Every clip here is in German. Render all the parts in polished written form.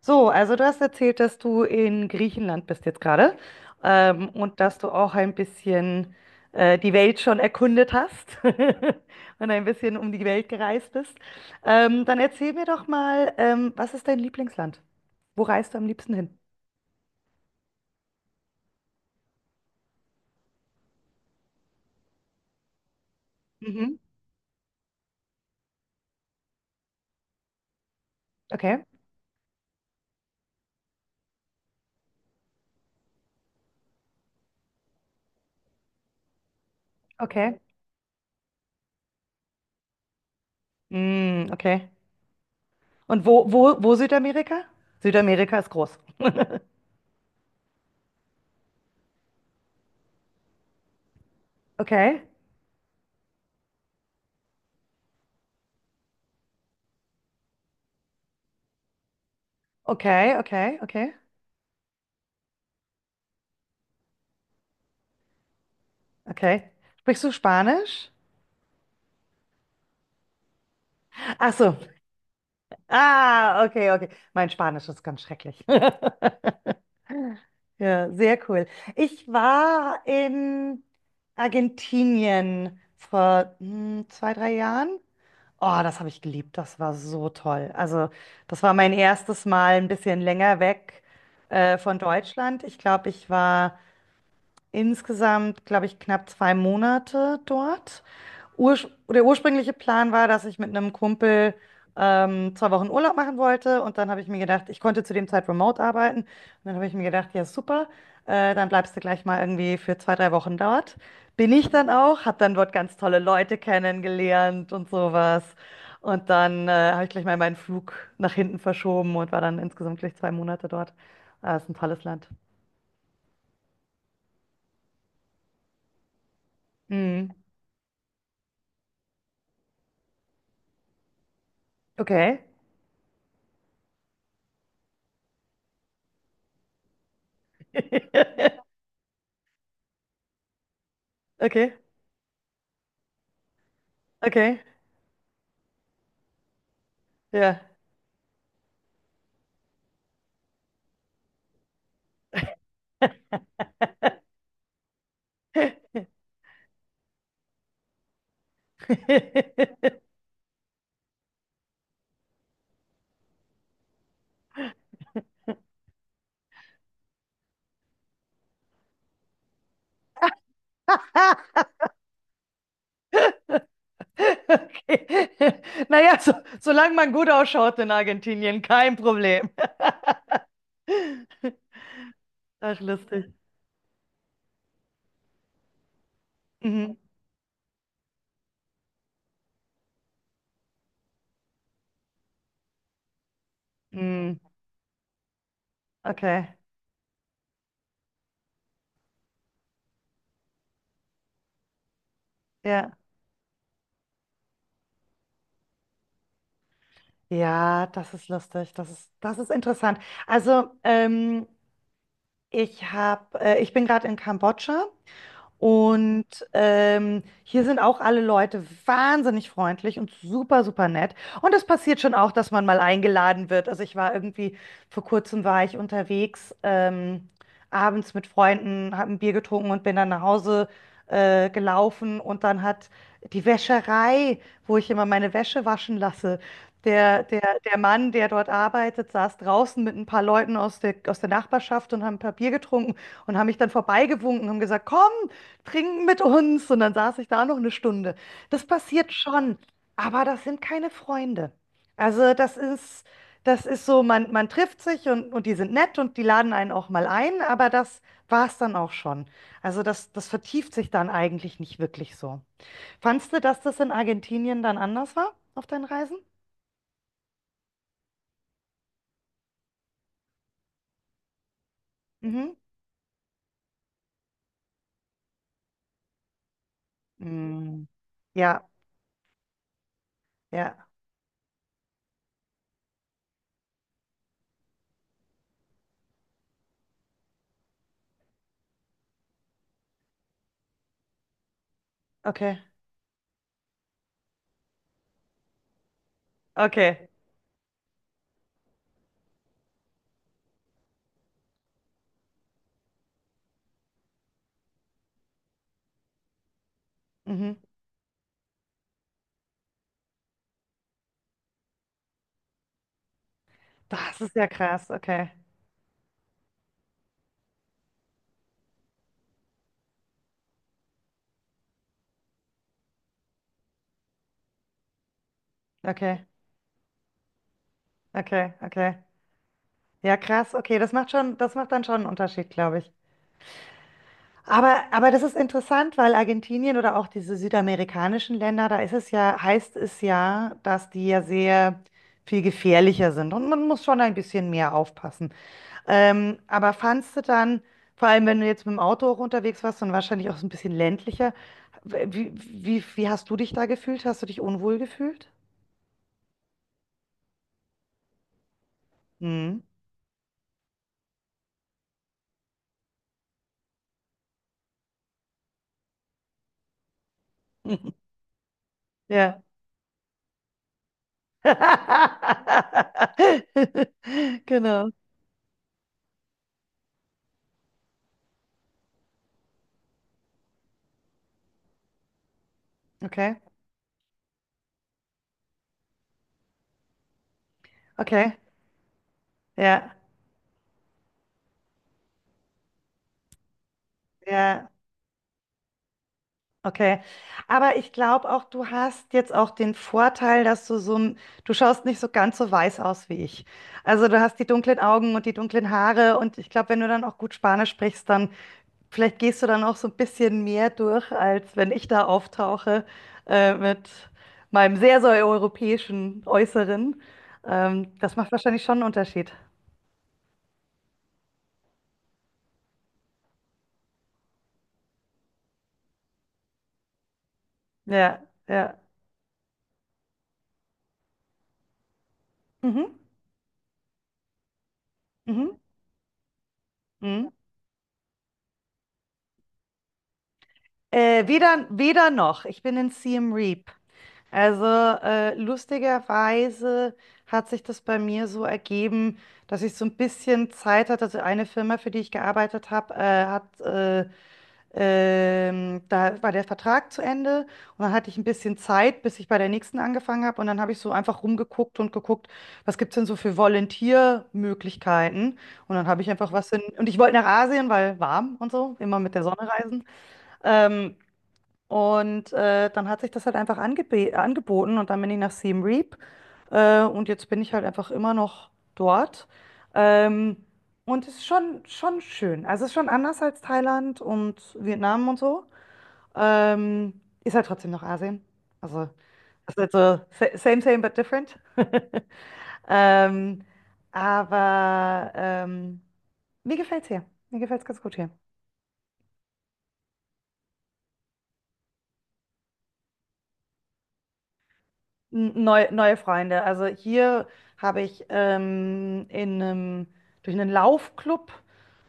So, also du hast erzählt, dass du in Griechenland bist jetzt gerade und dass du auch ein bisschen die Welt schon erkundet hast und ein bisschen um die Welt gereist bist. Dann erzähl mir doch mal, was ist dein Lieblingsland? Wo reist du am liebsten hin? Mhm. Okay, okay. Mm, okay. Und wo Südamerika? Südamerika ist groß. Okay, okay, okay, okay, okay. Sprichst du Spanisch? Ach so. Ah, okay, okay. Mein Spanisch ist ganz schrecklich. Ja, sehr cool. Ich war in Argentinien vor 2, 3 Jahren. Oh, das habe ich geliebt. Das war so toll. Also, das war mein erstes Mal ein bisschen länger weg von Deutschland. Ich glaube, ich war insgesamt, glaube ich, knapp 2 Monate dort. Ursch Der ursprüngliche Plan war, dass ich mit einem Kumpel 2 Wochen Urlaub machen wollte, und dann habe ich mir gedacht, ich konnte zu dem Zeit remote arbeiten. Und dann habe ich mir gedacht, ja super, dann bleibst du gleich mal irgendwie für 2, 3 Wochen dort. Bin ich dann auch, habe dann dort ganz tolle Leute kennengelernt und sowas, und dann habe ich gleich mal meinen Flug nach hinten verschoben und war dann insgesamt gleich 2 Monate dort. Ah, ist ein tolles Land. Mhm. Okay. Okay, okay, ja. Okay. Naja, so, solange man gut ausschaut in Argentinien, kein Problem. Ach lustig. Mhm. Mhm. Okay. Ja. Ja, das ist lustig. Das ist interessant. Also, ich bin gerade in Kambodscha. Und hier sind auch alle Leute wahnsinnig freundlich und super, super nett. Und es passiert schon auch, dass man mal eingeladen wird. Also ich war irgendwie, vor kurzem war ich unterwegs, abends mit Freunden, habe ein Bier getrunken und bin dann nach Hause gelaufen. Und dann hat die Wäscherei, wo ich immer meine Wäsche waschen lasse, der Mann, der dort arbeitet, saß draußen mit ein paar Leuten aus der Nachbarschaft und haben ein paar Bier getrunken und haben mich dann vorbeigewunken und haben gesagt, komm trinken mit uns. Und dann saß ich da noch eine Stunde. Das passiert schon, aber das sind keine Freunde. Also das ist so, man trifft sich und die sind nett und die laden einen auch mal ein, aber das war es dann auch schon. Also das vertieft sich dann eigentlich nicht wirklich so. Fandst du, dass das in Argentinien dann anders war auf deinen Reisen? Mhm. Mm. Ja, ja, okay, okay. Mhm. Das ist ja krass, okay, okay, okay, okay. Ja, krass. Okay, das macht schon, das macht dann schon einen Unterschied, glaube ich. Aber das ist interessant, weil Argentinien oder auch diese südamerikanischen Länder, da ist es ja, heißt es ja, dass die ja sehr viel gefährlicher sind und man muss schon ein bisschen mehr aufpassen. Aber fandst du dann, vor allem wenn du jetzt mit dem Auto auch unterwegs warst und wahrscheinlich auch so ein bisschen ländlicher, wie hast du dich da gefühlt? Hast du dich unwohl gefühlt? Hm. Ja. Genau. Okay. Okay, ja, ja, okay. Aber ich glaube auch, du hast jetzt auch den Vorteil, dass du so, du schaust nicht so ganz so weiß aus wie ich. Also du hast die dunklen Augen und die dunklen Haare, und ich glaube, wenn du dann auch gut Spanisch sprichst, dann vielleicht gehst du dann auch so ein bisschen mehr durch, als wenn ich da auftauche mit meinem sehr, sehr europäischen Äußeren. Das macht wahrscheinlich schon einen Unterschied. Ja, ja. Mhm, mhm, mhm. Weder noch. Ich bin in Siem Reap. Also lustigerweise hat sich das bei mir so ergeben, dass ich so ein bisschen Zeit hatte. Also eine Firma, für die ich gearbeitet habe, hat da war der Vertrag zu Ende, und dann hatte ich ein bisschen Zeit, bis ich bei der nächsten angefangen habe. Und dann habe ich so einfach rumgeguckt und geguckt, was gibt es denn so für Volunteer-Möglichkeiten. Und dann habe ich einfach was in. Und ich wollte nach Asien, weil warm und so, immer mit der Sonne reisen. Ähm, Dann hat sich das halt einfach angebe angeboten, und dann bin ich nach Siem Reap und jetzt bin ich halt einfach immer noch dort. Ähm, und es ist schon schön. Also es ist schon anders als Thailand und Vietnam und so. Ist halt trotzdem noch Asien. Also es ist halt so same, same, but different. Ähm, aber ähm, Mir gefällt's hier. Mir gefällt's ganz gut hier. Neue Freunde. Also hier habe ich durch einen Laufclub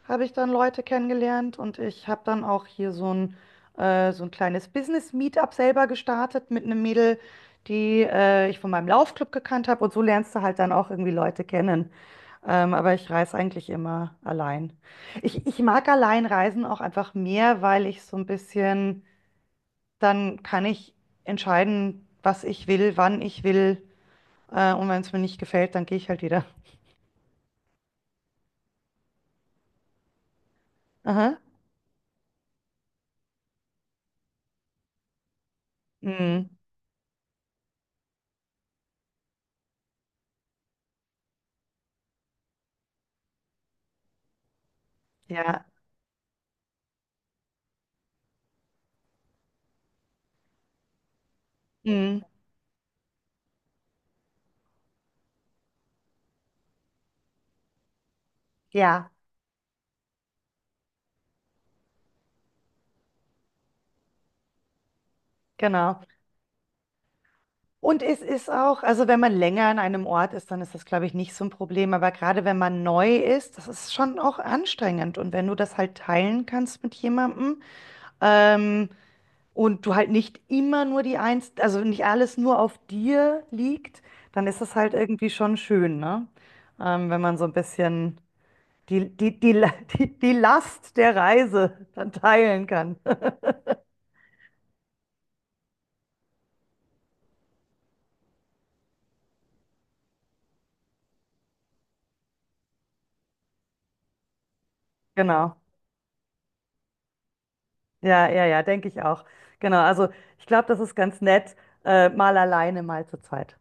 habe ich dann Leute kennengelernt, und ich habe dann auch hier so ein kleines Business-Meetup selber gestartet mit einem Mädel, die ich von meinem Laufclub gekannt habe, und so lernst du halt dann auch irgendwie Leute kennen. Aber ich reise eigentlich immer allein. Ich mag allein reisen auch einfach mehr, weil ich so ein bisschen, dann kann ich entscheiden, was ich will, wann ich will. Und wenn es mir nicht gefällt, dann gehe ich halt wieder. Aha. Mhm. Ja. Mhm. Ja, genau. Und es ist auch, also wenn man länger an einem Ort ist, dann ist das, glaube ich, nicht so ein Problem. Aber gerade wenn man neu ist, das ist schon auch anstrengend. Und wenn du das halt teilen kannst mit jemandem, ähm, und du halt nicht immer nur die Eins, also nicht alles nur auf dir liegt, dann ist das halt irgendwie schon schön, ne? Wenn man so ein bisschen die, die, die, die Last der Reise dann teilen kann. Genau. Ja, ja, ja, denke ich auch. Genau. Also ich glaube, das ist ganz nett, mal alleine, mal zu zweit.